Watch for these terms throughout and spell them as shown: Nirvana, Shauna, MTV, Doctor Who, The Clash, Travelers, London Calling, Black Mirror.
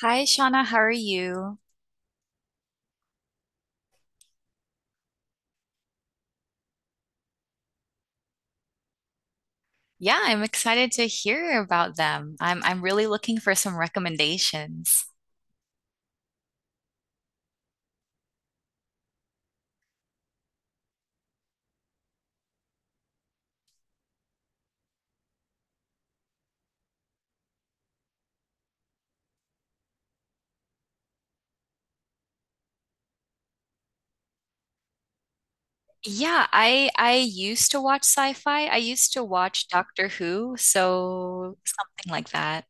Hi, Shauna. How are you? Yeah, I'm excited to hear about them. I'm really looking for some recommendations. Yeah, I used to watch sci-fi. I used to watch Doctor Who, so something like that.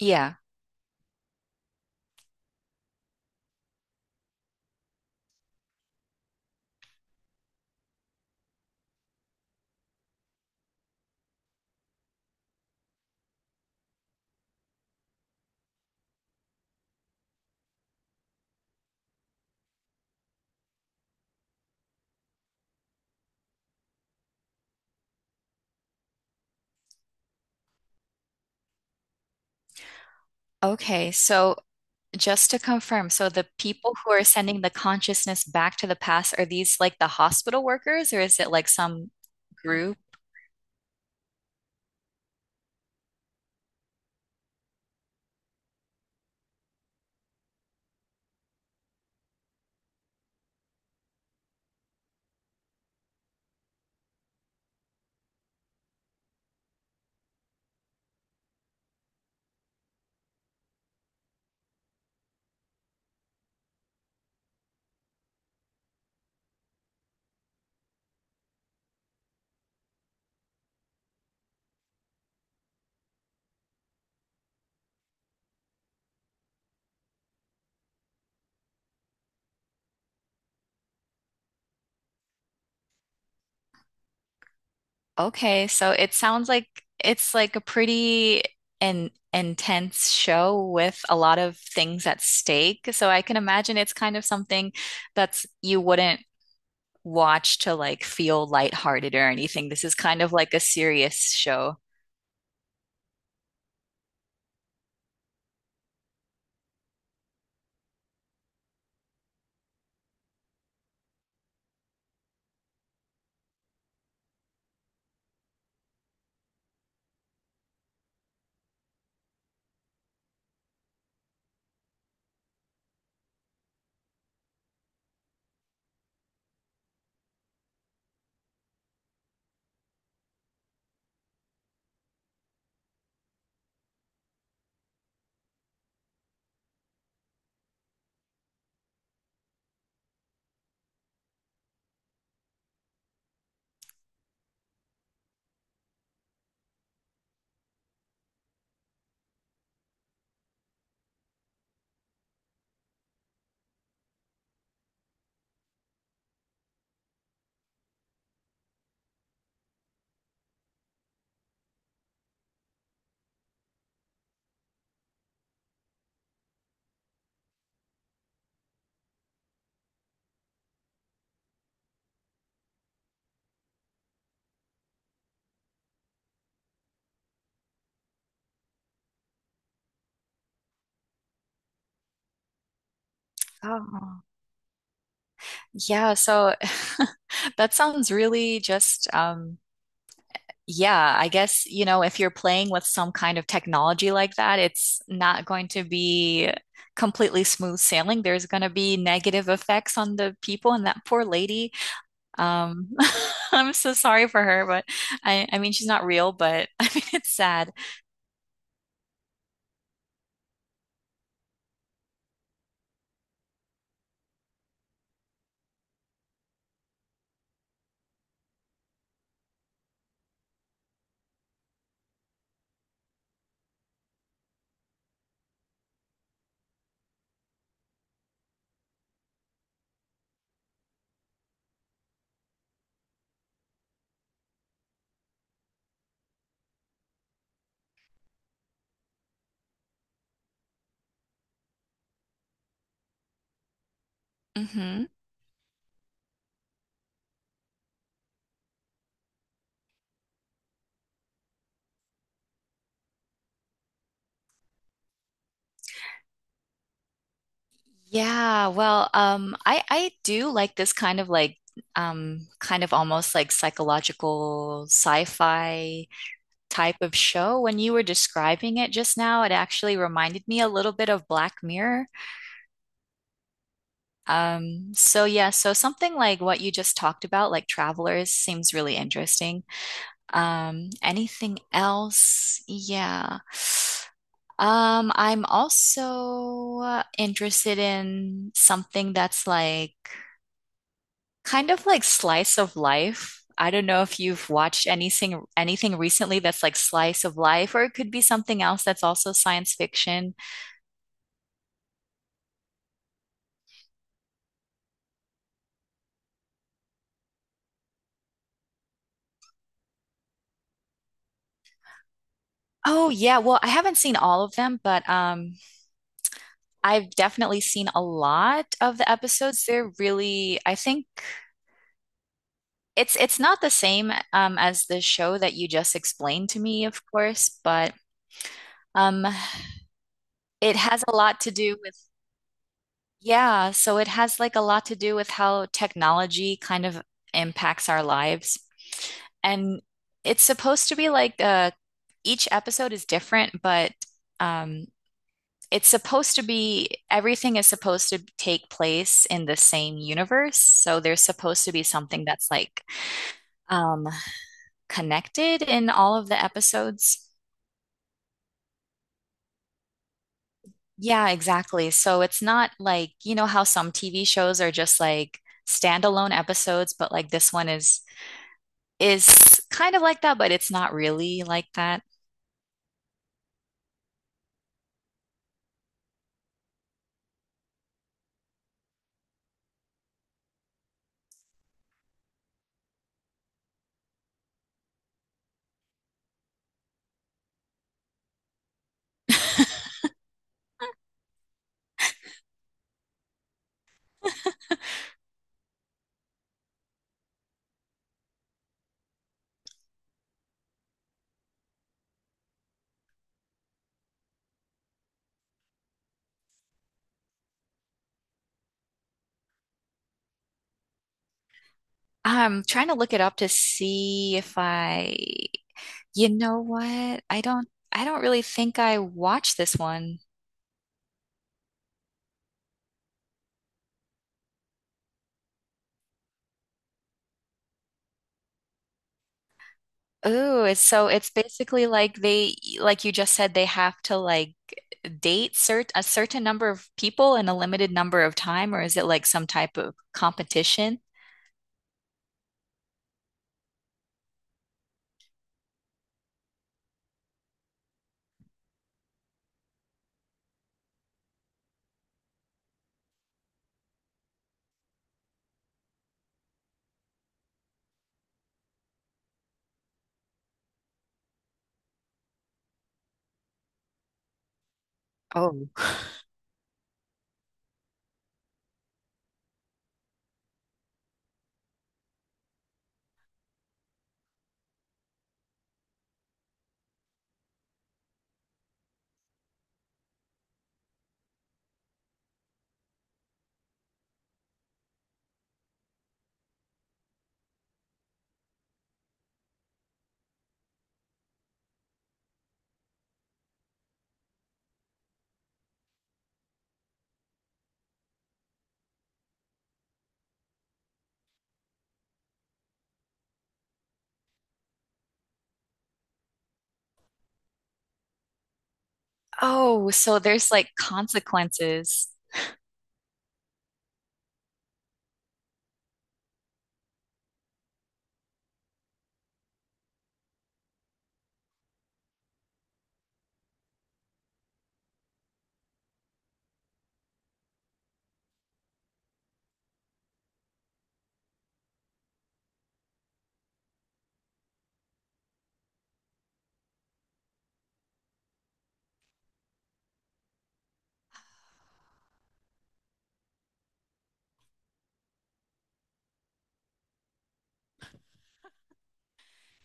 Yeah. Okay, so just to confirm, so the people who are sending the consciousness back to the past, are these like the hospital workers or is it like some group? Okay, so it sounds like it's like a pretty an intense show with a lot of things at stake. So I can imagine it's kind of something that's you wouldn't watch to like feel lighthearted or anything. This is kind of like a serious show. Oh. Yeah, so that sounds really just Yeah, I guess, you know, if you're playing with some kind of technology like that, it's not going to be completely smooth sailing. There's going to be negative effects on the people and that poor lady. Um, I'm so sorry for her, but I mean, she's not real, but I mean, it's sad. Hmm. Yeah, well, I do like this kind of like kind of almost like psychological sci-fi type of show. When you were describing it just now, it actually reminded me a little bit of Black Mirror. So yeah, so something like what you just talked about, like Travelers, seems really interesting. Anything else? Yeah. I'm also interested in something that's like kind of like slice of life. I don't know if you've watched anything recently that's like slice of life, or it could be something else that's also science fiction. Oh yeah, well, I haven't seen all of them, but I've definitely seen a lot of the episodes. They're really, I think it's not the same as the show that you just explained to me, of course, but um it has a lot to do with yeah, so it has like a lot to do with how technology kind of impacts our lives. And it's supposed to be like each episode is different, but um it's supposed to be everything is supposed to take place in the same universe so there's supposed to be something that's like um connected in all of the episodes. Yeah, exactly, so it's not like you know how some TV shows are just like standalone episodes but like this one is kind of like that but it's not really like that. I'm trying to look it up to see if I, you know what, I don't really think I watched this one. Ooh, it's so it's basically like they, like you just said, they have to like date cert a certain number of people in a limited number of time, or is it like some type of competition? Oh. Oh, so there's like consequences.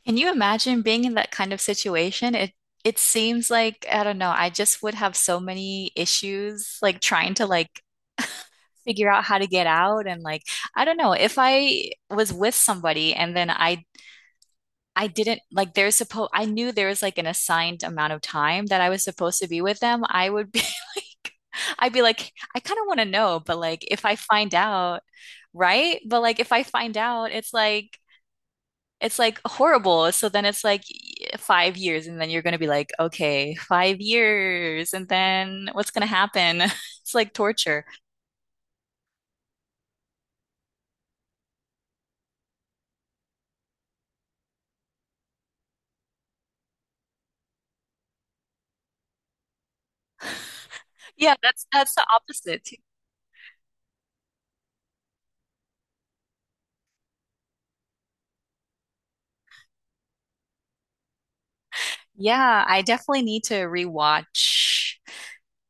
Can you imagine being in that kind of situation? It seems like I don't know, I just would have so many issues like trying to like figure out how to get out and like I don't know, if I was with somebody and then I didn't like there's supposed I knew there was like an assigned amount of time that I was supposed to be with them. I would be like I'd be like I kind of want to know, but like if I find out, right? But like if I find out, it's like horrible. So then it's like 5 years and then you're going to be like, okay, 5 years and then what's going to happen? It's like torture. Yeah, that's the opposite. Yeah, I definitely need to rewatch,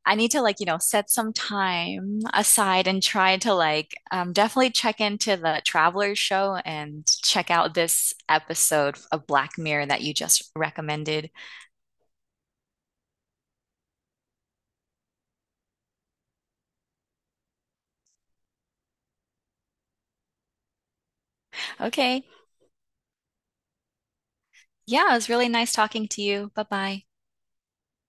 I need to like, you know, set some time aside and try to like definitely check into the Travelers show and check out this episode of Black Mirror that you just recommended. Okay. Yeah, it was really nice talking to you. Bye bye.